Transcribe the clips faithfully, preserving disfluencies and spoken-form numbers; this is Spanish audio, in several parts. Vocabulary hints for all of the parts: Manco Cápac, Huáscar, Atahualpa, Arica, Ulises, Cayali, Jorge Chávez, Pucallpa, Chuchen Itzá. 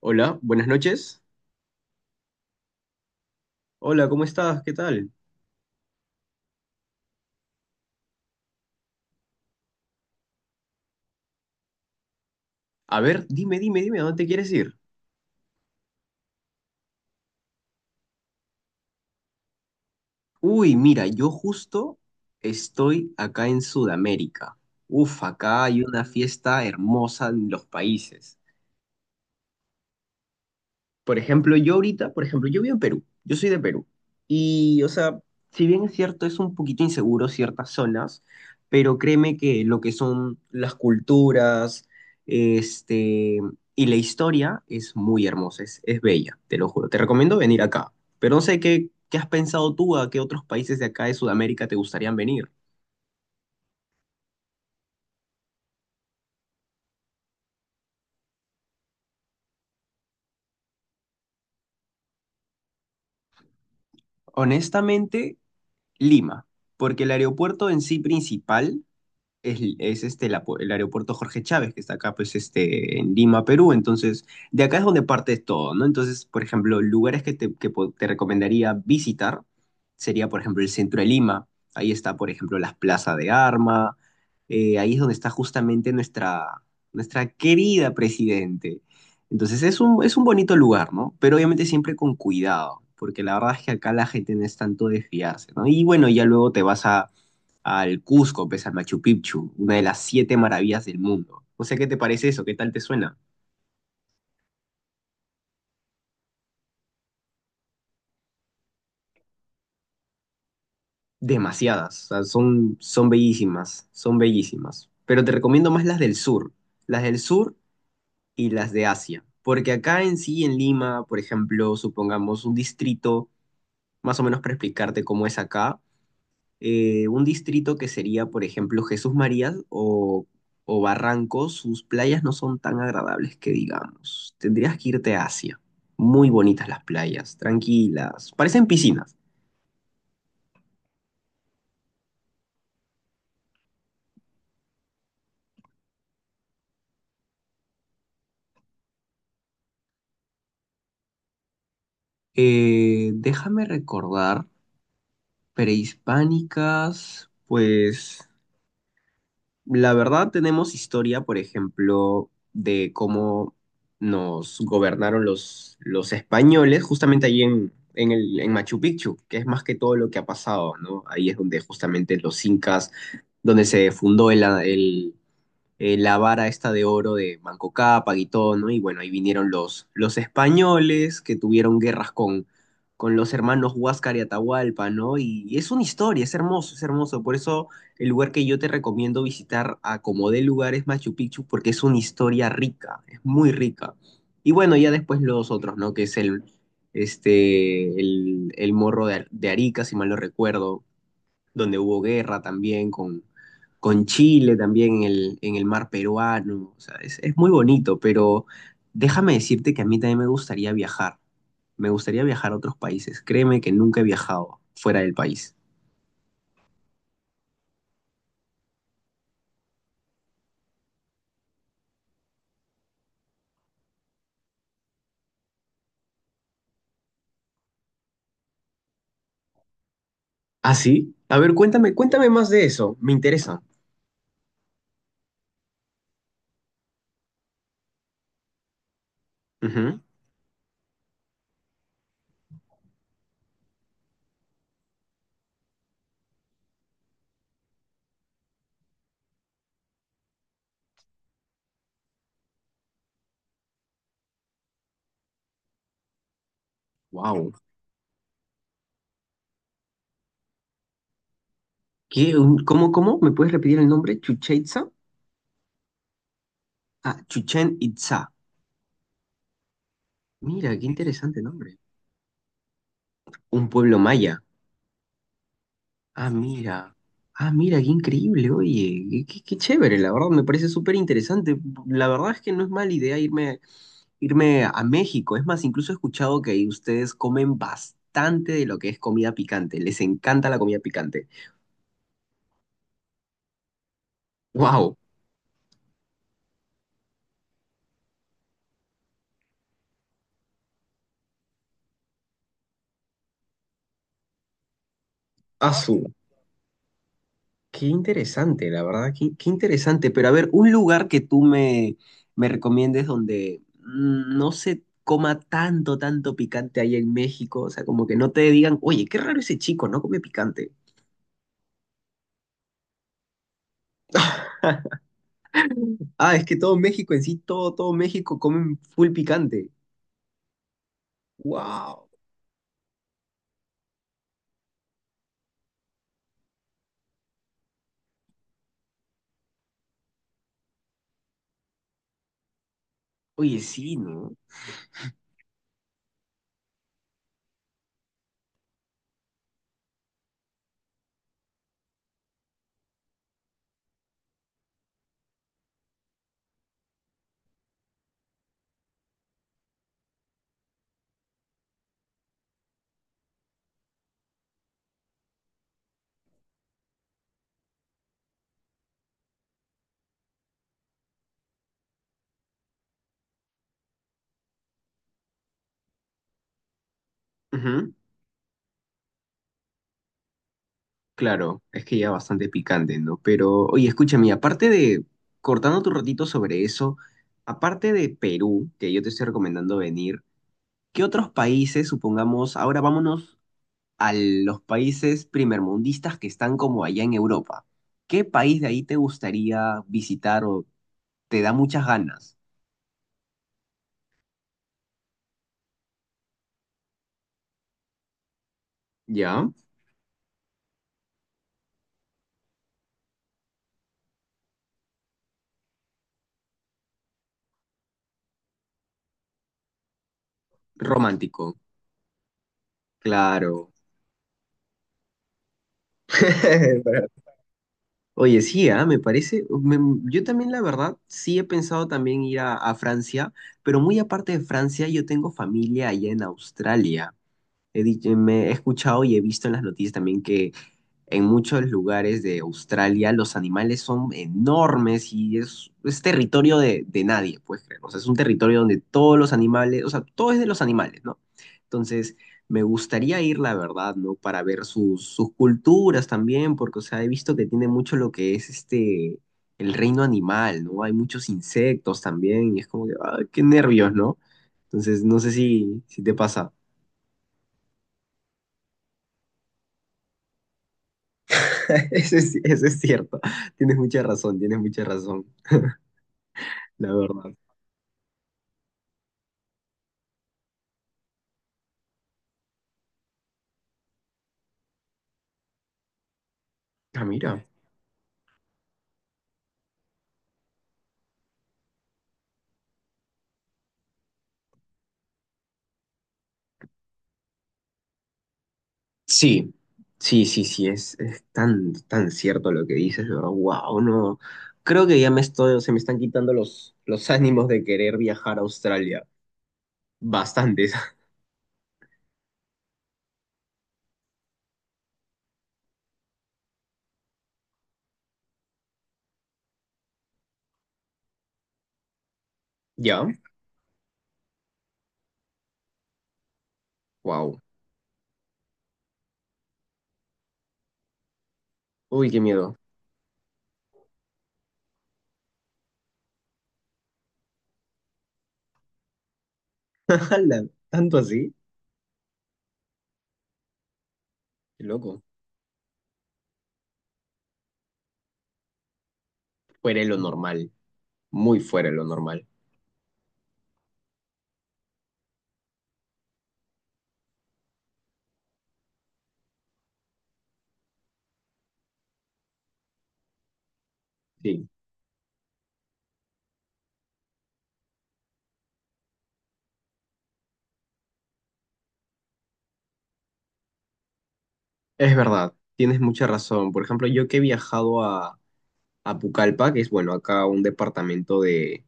Hola, buenas noches. Hola, ¿cómo estás? ¿Qué tal? A ver, dime, dime, dime, ¿a dónde quieres ir? Uy, mira, yo justo estoy acá en Sudamérica. Uf, acá hay una fiesta hermosa en los países. Por ejemplo, yo ahorita, por ejemplo, yo vivo en Perú, yo soy de Perú. Y, o sea, si bien es cierto, es un poquito inseguro ciertas zonas, pero créeme que lo que son las culturas, este, y la historia es muy hermosa, es, es bella, te lo juro. Te recomiendo venir acá, pero no sé qué, qué has pensado tú, a qué otros países de acá de Sudamérica te gustarían venir. Honestamente, Lima, porque el aeropuerto en sí principal es, es este, la pu- el aeropuerto Jorge Chávez, que está acá, pues, este, en Lima, Perú. Entonces, de acá es donde parte todo, ¿no? Entonces, por ejemplo, lugares que te, que po- te recomendaría visitar sería, por ejemplo, el centro de Lima. Ahí está, por ejemplo, las plazas de Arma. Eh, ahí es donde está justamente nuestra, nuestra querida presidente. Entonces, es un, es un bonito lugar, ¿no? Pero obviamente siempre con cuidado, porque la verdad es que acá la gente no es tanto de fiarse, ¿no? Y bueno, ya luego te vas a al Cusco, pues al Machu Picchu, una de las siete maravillas del mundo. O sea, ¿qué te parece eso? ¿Qué tal te suena? Demasiadas, o sea, son, son bellísimas, son bellísimas. Pero te recomiendo más las del sur, las del sur y las de Asia. Porque acá en sí, en Lima, por ejemplo, supongamos un distrito, más o menos para explicarte cómo es acá, eh, un distrito que sería, por ejemplo, Jesús María o, o Barranco, sus playas no son tan agradables que digamos. Tendrías que irte a Asia. Muy bonitas las playas, tranquilas, parecen piscinas. Eh, déjame recordar, prehispánicas, pues la verdad, tenemos historia, por ejemplo, de cómo nos gobernaron los, los españoles, justamente ahí en, en el, en Machu Picchu, que es más que todo lo que ha pasado, ¿no? Ahí es donde justamente los incas, donde se fundó el, el, eh, la vara esta de oro de Manco Cápac y todo, ¿no? Y bueno, ahí vinieron los, los españoles que tuvieron guerras con, con los hermanos Huáscar y Atahualpa, ¿no? Y, y es una historia, es hermoso, es hermoso. Por eso el lugar que yo te recomiendo visitar a como de lugar es Machu Picchu, porque es una historia rica, es muy rica. Y bueno, ya después los otros, ¿no? Que es el, este, el, el morro de, de Arica, si mal no recuerdo donde hubo guerra también con, con Chile, también en el, en el mar peruano. O sea, es, es muy bonito, pero déjame decirte que a mí también me gustaría viajar. Me gustaría viajar a otros países. Créeme que nunca he viajado fuera del país. ¿Ah, sí? A ver, cuéntame, cuéntame más de eso. Me interesa. Wow. ¿Qué, un- cómo, cómo? ¿Me puedes repetir el nombre? ¿Chucha Itzá? Ah, Chuchen Itzá. Mira, qué interesante nombre. Un pueblo maya. Ah, mira. Ah, mira, qué increíble, oye, qué, qué- qué chévere, la verdad, me parece súper interesante. La verdad es que no es mala idea irme, irme a México. Es más, incluso he escuchado que ahí ustedes comen bastante de lo que es comida picante. Les encanta la comida picante. ¡Wow! ¡Asu! Qué interesante, la verdad, qué, qué interesante. Pero a ver, un lugar que tú me, me recomiendes donde mm, no se coma tanto, tanto picante ahí en México. O sea, como que no te digan, oye, qué raro ese chico, no come picante. Ah, es que todo México en sí, todo, todo México comen full picante. Wow. Oye, sí, ¿no? Ujú, claro, es que ya bastante picante, ¿no? Pero, oye, escúchame, aparte de, cortando tu ratito sobre eso, aparte de Perú, que yo te estoy recomendando venir, ¿qué otros países, supongamos, ahora vámonos a los países primermundistas que están como allá en Europa? ¿Qué país de ahí te gustaría visitar o te da muchas ganas? ¿Ya? Romántico. Claro. Oye, sí, ah, me parece, me- yo también la verdad, sí he pensado también ir a, a Francia, pero muy aparte de Francia, yo tengo familia allá en Australia. He, dicho- me he escuchado y he visto en las noticias también en muchos lugares de Australia. Los animales son enormes y es, es territorio de, de nadie, puedes creer. O sea, es un territorio donde todos los animales, o sea, todo es de los animales, ¿no? Entonces, me gustaría ir, la verdad, ¿no? Para ver sus, sus culturas también, porque, o sea, he visto que tiene mucho lo que es este, el reino animal, ¿no? Hay muchos insectos también y es como que, ah, qué nervios, ¿no? Entonces, no sé si, si te pasa. Eso es, eso es cierto. Tienes mucha razón, tienes mucha razón. La verdad. Ah, mira. Sí, sí, sí, sí, es, es tan, tan cierto lo que dices, de verdad. Wow, no. Creo que ya me estoy, se me están quitando los, los ánimos de querer viajar a Australia. Bastantes. ¿Ya? Wow. Uy, qué miedo. Ala, ¿tanto así? Qué loco. Fuera de lo normal. Muy fuera de lo normal. Sí. Es verdad. Tienes mucha razón. Por ejemplo, yo que he viajado a, a Pucallpa, que es, bueno, acá un departamento de.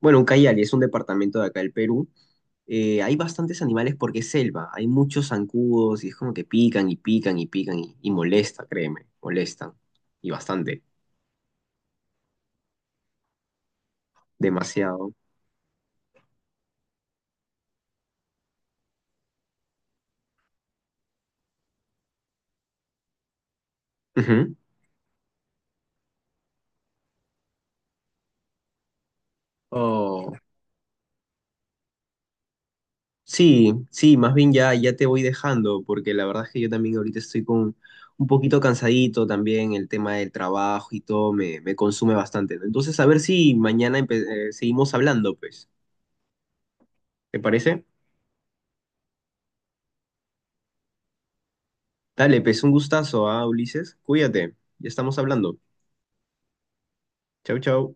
Bueno, un Cayali es un departamento de acá del Perú. Eh, hay bastantes animales porque es selva, hay muchos zancudos y es como que pican y pican y pican y, y molesta, créeme, molestan. Y bastante, demasiado. Ujú. Oh, sí, sí, más bien ya, ya te voy dejando porque la verdad es que yo también ahorita estoy con un poquito cansadito también, el tema del trabajo y todo me, me consume bastante. ¿No? Entonces, a ver si mañana empe- eh, seguimos hablando, pues. ¿Te parece? Dale, pues un gustazo, ¿ah, Ulises? Cuídate, ya estamos hablando. Chau, chau.